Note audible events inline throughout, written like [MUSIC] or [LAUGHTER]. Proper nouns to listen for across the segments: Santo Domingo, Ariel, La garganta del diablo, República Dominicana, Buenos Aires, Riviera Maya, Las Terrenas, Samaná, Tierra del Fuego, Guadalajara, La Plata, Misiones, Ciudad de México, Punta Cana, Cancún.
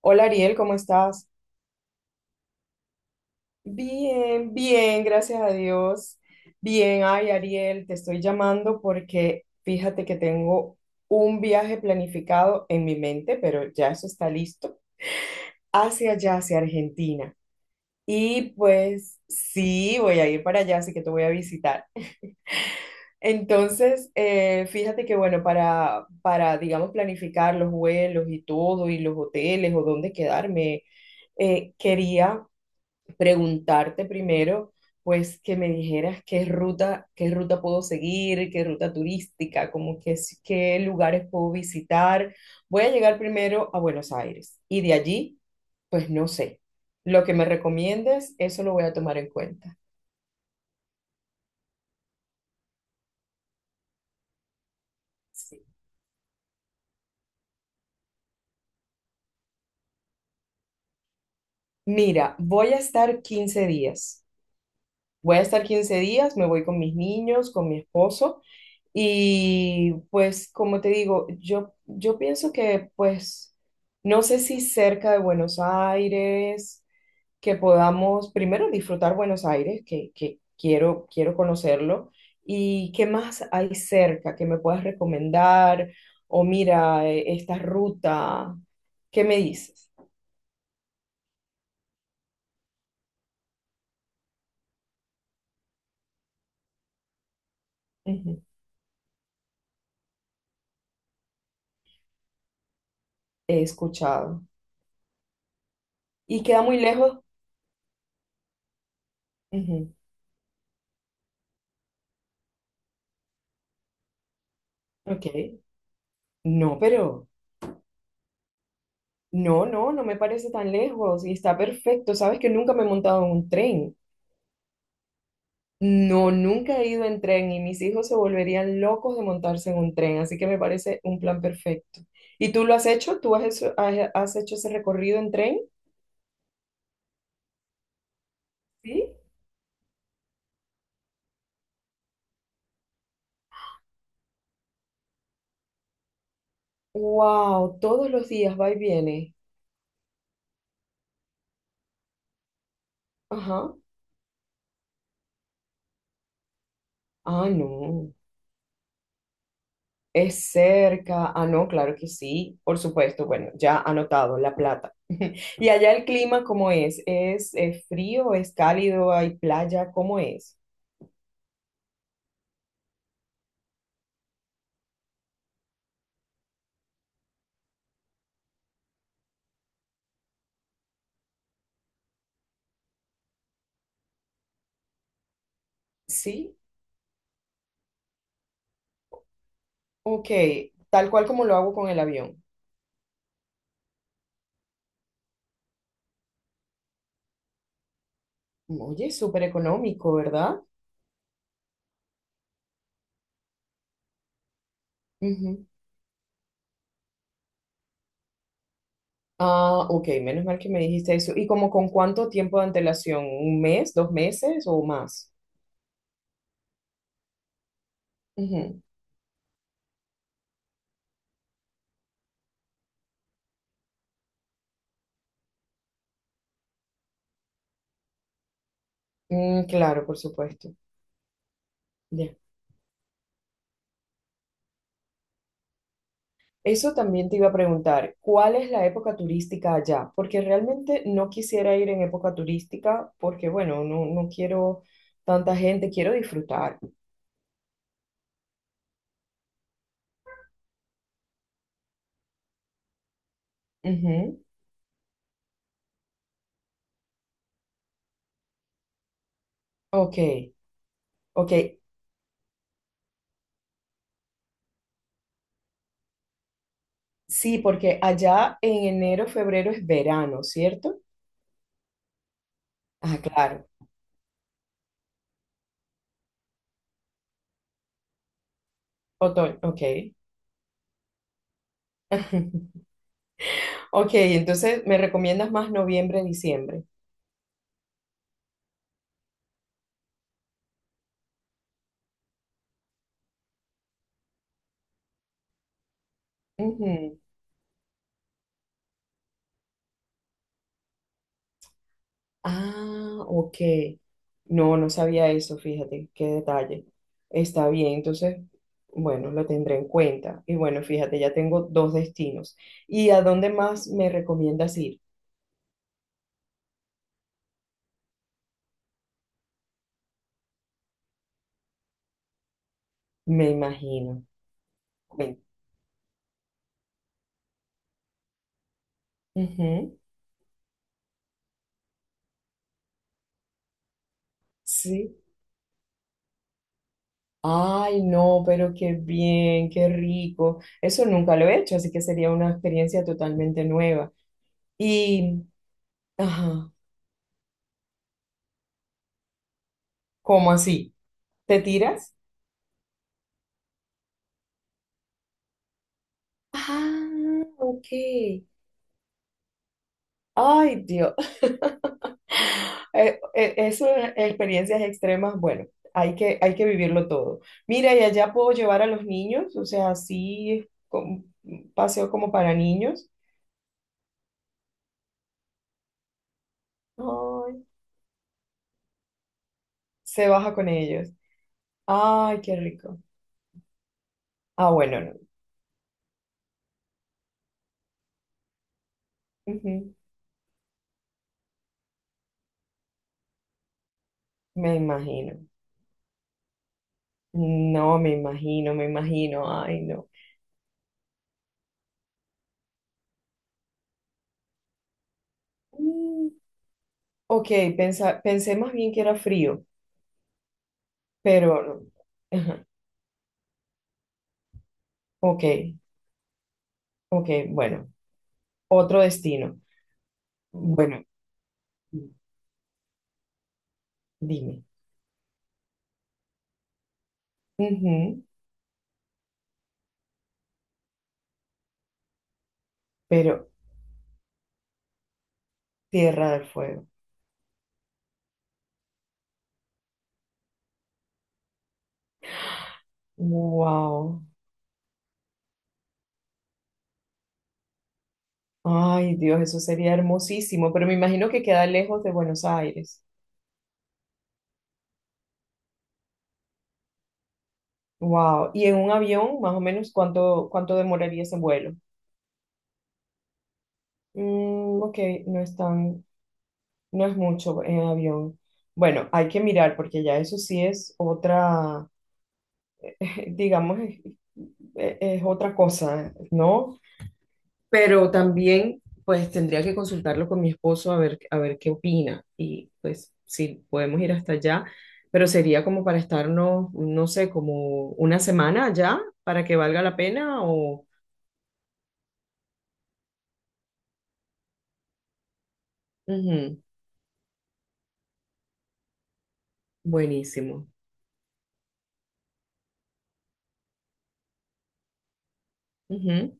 Hola Ariel, ¿cómo estás? Bien, bien, gracias a Dios. Bien, ay Ariel, te estoy llamando porque fíjate que tengo un viaje planificado en mi mente, pero ya eso está listo, hacia allá, hacia Argentina. Y pues sí, voy a ir para allá, así que te voy a visitar. Entonces, fíjate que bueno, para, digamos, planificar los vuelos y todo, y los hoteles o dónde quedarme, quería preguntarte primero, pues que me dijeras qué ruta puedo seguir, qué ruta turística, como que, qué lugares puedo visitar. Voy a llegar primero a Buenos Aires y de allí, pues no sé. Lo que me recomiendes, eso lo voy a tomar en cuenta. Sí. Mira, voy a estar 15 días. Voy a estar 15 días, me voy con mis niños, con mi esposo y pues como te digo, yo pienso que pues no sé si cerca de Buenos Aires, que podamos primero disfrutar Buenos Aires, que quiero conocerlo y qué más hay cerca que me puedas recomendar o mira esta ruta, ¿qué me dices? Ujú. He escuchado. ¿Y queda muy lejos? Ujú. Ok. No, pero... No, no, no me parece tan lejos y está perfecto. Sabes que nunca me he montado en un tren. No, nunca he ido en tren y mis hijos se volverían locos de montarse en un tren, así que me parece un plan perfecto. ¿Y tú lo has hecho? ¿Tú has hecho ese recorrido en tren? Sí. Wow, todos los días va y viene. Ajá. Ah, no. Es cerca. Ah, no, claro que sí, por supuesto. Bueno, ya anotado, La Plata. [LAUGHS] ¿Y allá el clima cómo es? ¿Es frío? ¿Es cálido? ¿Hay playa? ¿Cómo es? Sí, ok. Tal cual como lo hago con el avión. Oye, súper económico, ¿verdad? Ujú. Ah, ok, menos mal que me dijiste eso. ¿Y como con cuánto tiempo de antelación? ¿Un mes, dos meses o más? Ujú. Mm, claro, por supuesto. Ya. Eso también te iba a preguntar, ¿cuál es la época turística allá? Porque realmente no quisiera ir en época turística porque, bueno, no, no quiero tanta gente, quiero disfrutar. Ujú. Ok, ok. Sí, porque allá en enero, febrero es verano, ¿cierto? Ah, claro. Otoño, ok. [LAUGHS] Ok, entonces me recomiendas más noviembre, diciembre. Ujú. Ah, ok. No, no sabía eso, fíjate, qué detalle. Está bien, entonces, bueno, lo tendré en cuenta. Y bueno, fíjate, ya tengo dos destinos. ¿Y a dónde más me recomiendas ir? Me imagino. Ven. Ujú. Sí. Ay, no, pero qué bien, qué rico. Eso nunca lo he hecho, así que sería una experiencia totalmente nueva. Y, ajá, ¿cómo así? ¿Te tiras? Ah, ok. Ay, Dios. Eso, experiencias extremas, bueno, hay que vivirlo todo. Mira, y allá puedo llevar a los niños, o sea, un paseo como para niños. Ay, se baja con ellos. Ay, qué rico. Ah, bueno, no. Ujú. Me imagino. No, me imagino, me imagino. Ay, no. Mm, ok, pensé más bien que era frío, pero no. Ajá. Ok, ok, bueno, otro destino. Bueno, dime. Ujú, pero Tierra del Fuego. Wow. Ay, Dios, eso sería hermosísimo, pero me imagino que queda lejos de Buenos Aires. Wow. ¿Y en un avión, más o menos, cuánto demoraría ese vuelo? Mm, ok, no es tan, no es mucho en avión. Bueno, hay que mirar porque ya eso sí es otra, [LAUGHS] digamos, es otra cosa, ¿no? Pero también pues tendría que consultarlo con mi esposo a ver qué opina y pues si podemos ir hasta allá, pero sería como para estarnos, no sé, como una semana allá para que valga la pena o... Ujú. Buenísimo. Ujú.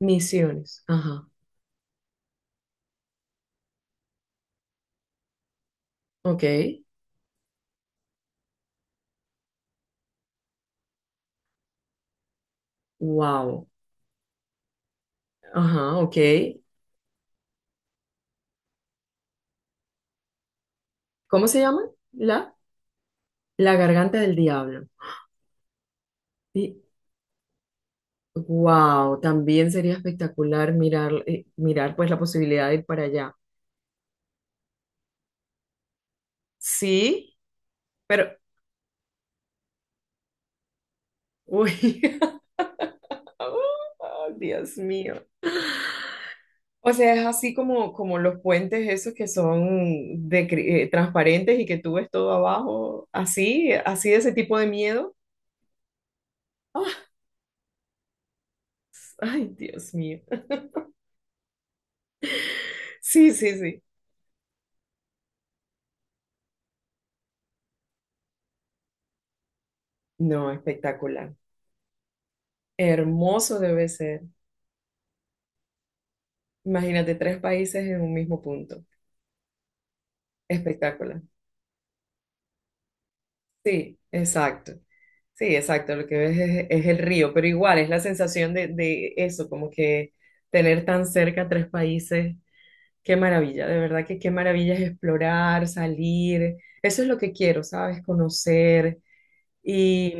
Misiones. Ajá. Ok. Wow. Ajá, ok. ¿Cómo se llama? La, la Garganta del Diablo. Y wow, también sería espectacular mirar, mirar pues la posibilidad de ir para allá. Sí, pero, uy, [LAUGHS] oh, Dios mío. O sea, es así como los puentes esos que son de, transparentes y que tú ves todo abajo, así, así de ese tipo de miedo. Ah, ay, Dios mío. Sí, sí, sí. No, espectacular. Hermoso debe ser. Imagínate tres países en un mismo punto. Espectacular. Sí, exacto. Sí, exacto, lo que ves es el río, pero igual es la sensación de eso, como que tener tan cerca tres países, qué maravilla, de verdad que qué maravilla es explorar, salir, eso es lo que quiero, ¿sabes? Conocer y,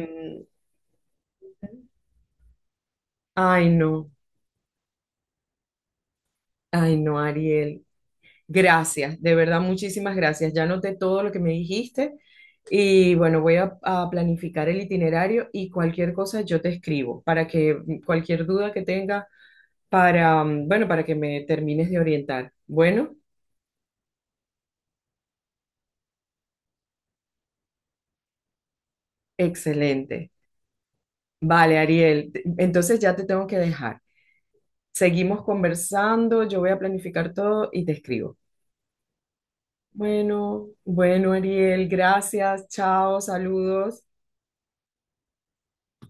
ay no, ay no, Ariel, gracias, de verdad muchísimas gracias, ya noté todo lo que me dijiste y bueno, voy a planificar el itinerario y cualquier cosa yo te escribo para que cualquier duda que tenga para que me termines de orientar. Bueno, excelente. Vale, Ariel, entonces ya te tengo que dejar. Seguimos conversando, yo voy a planificar todo y te escribo. Bueno, bueno, Ariel, gracias, chao, saludos.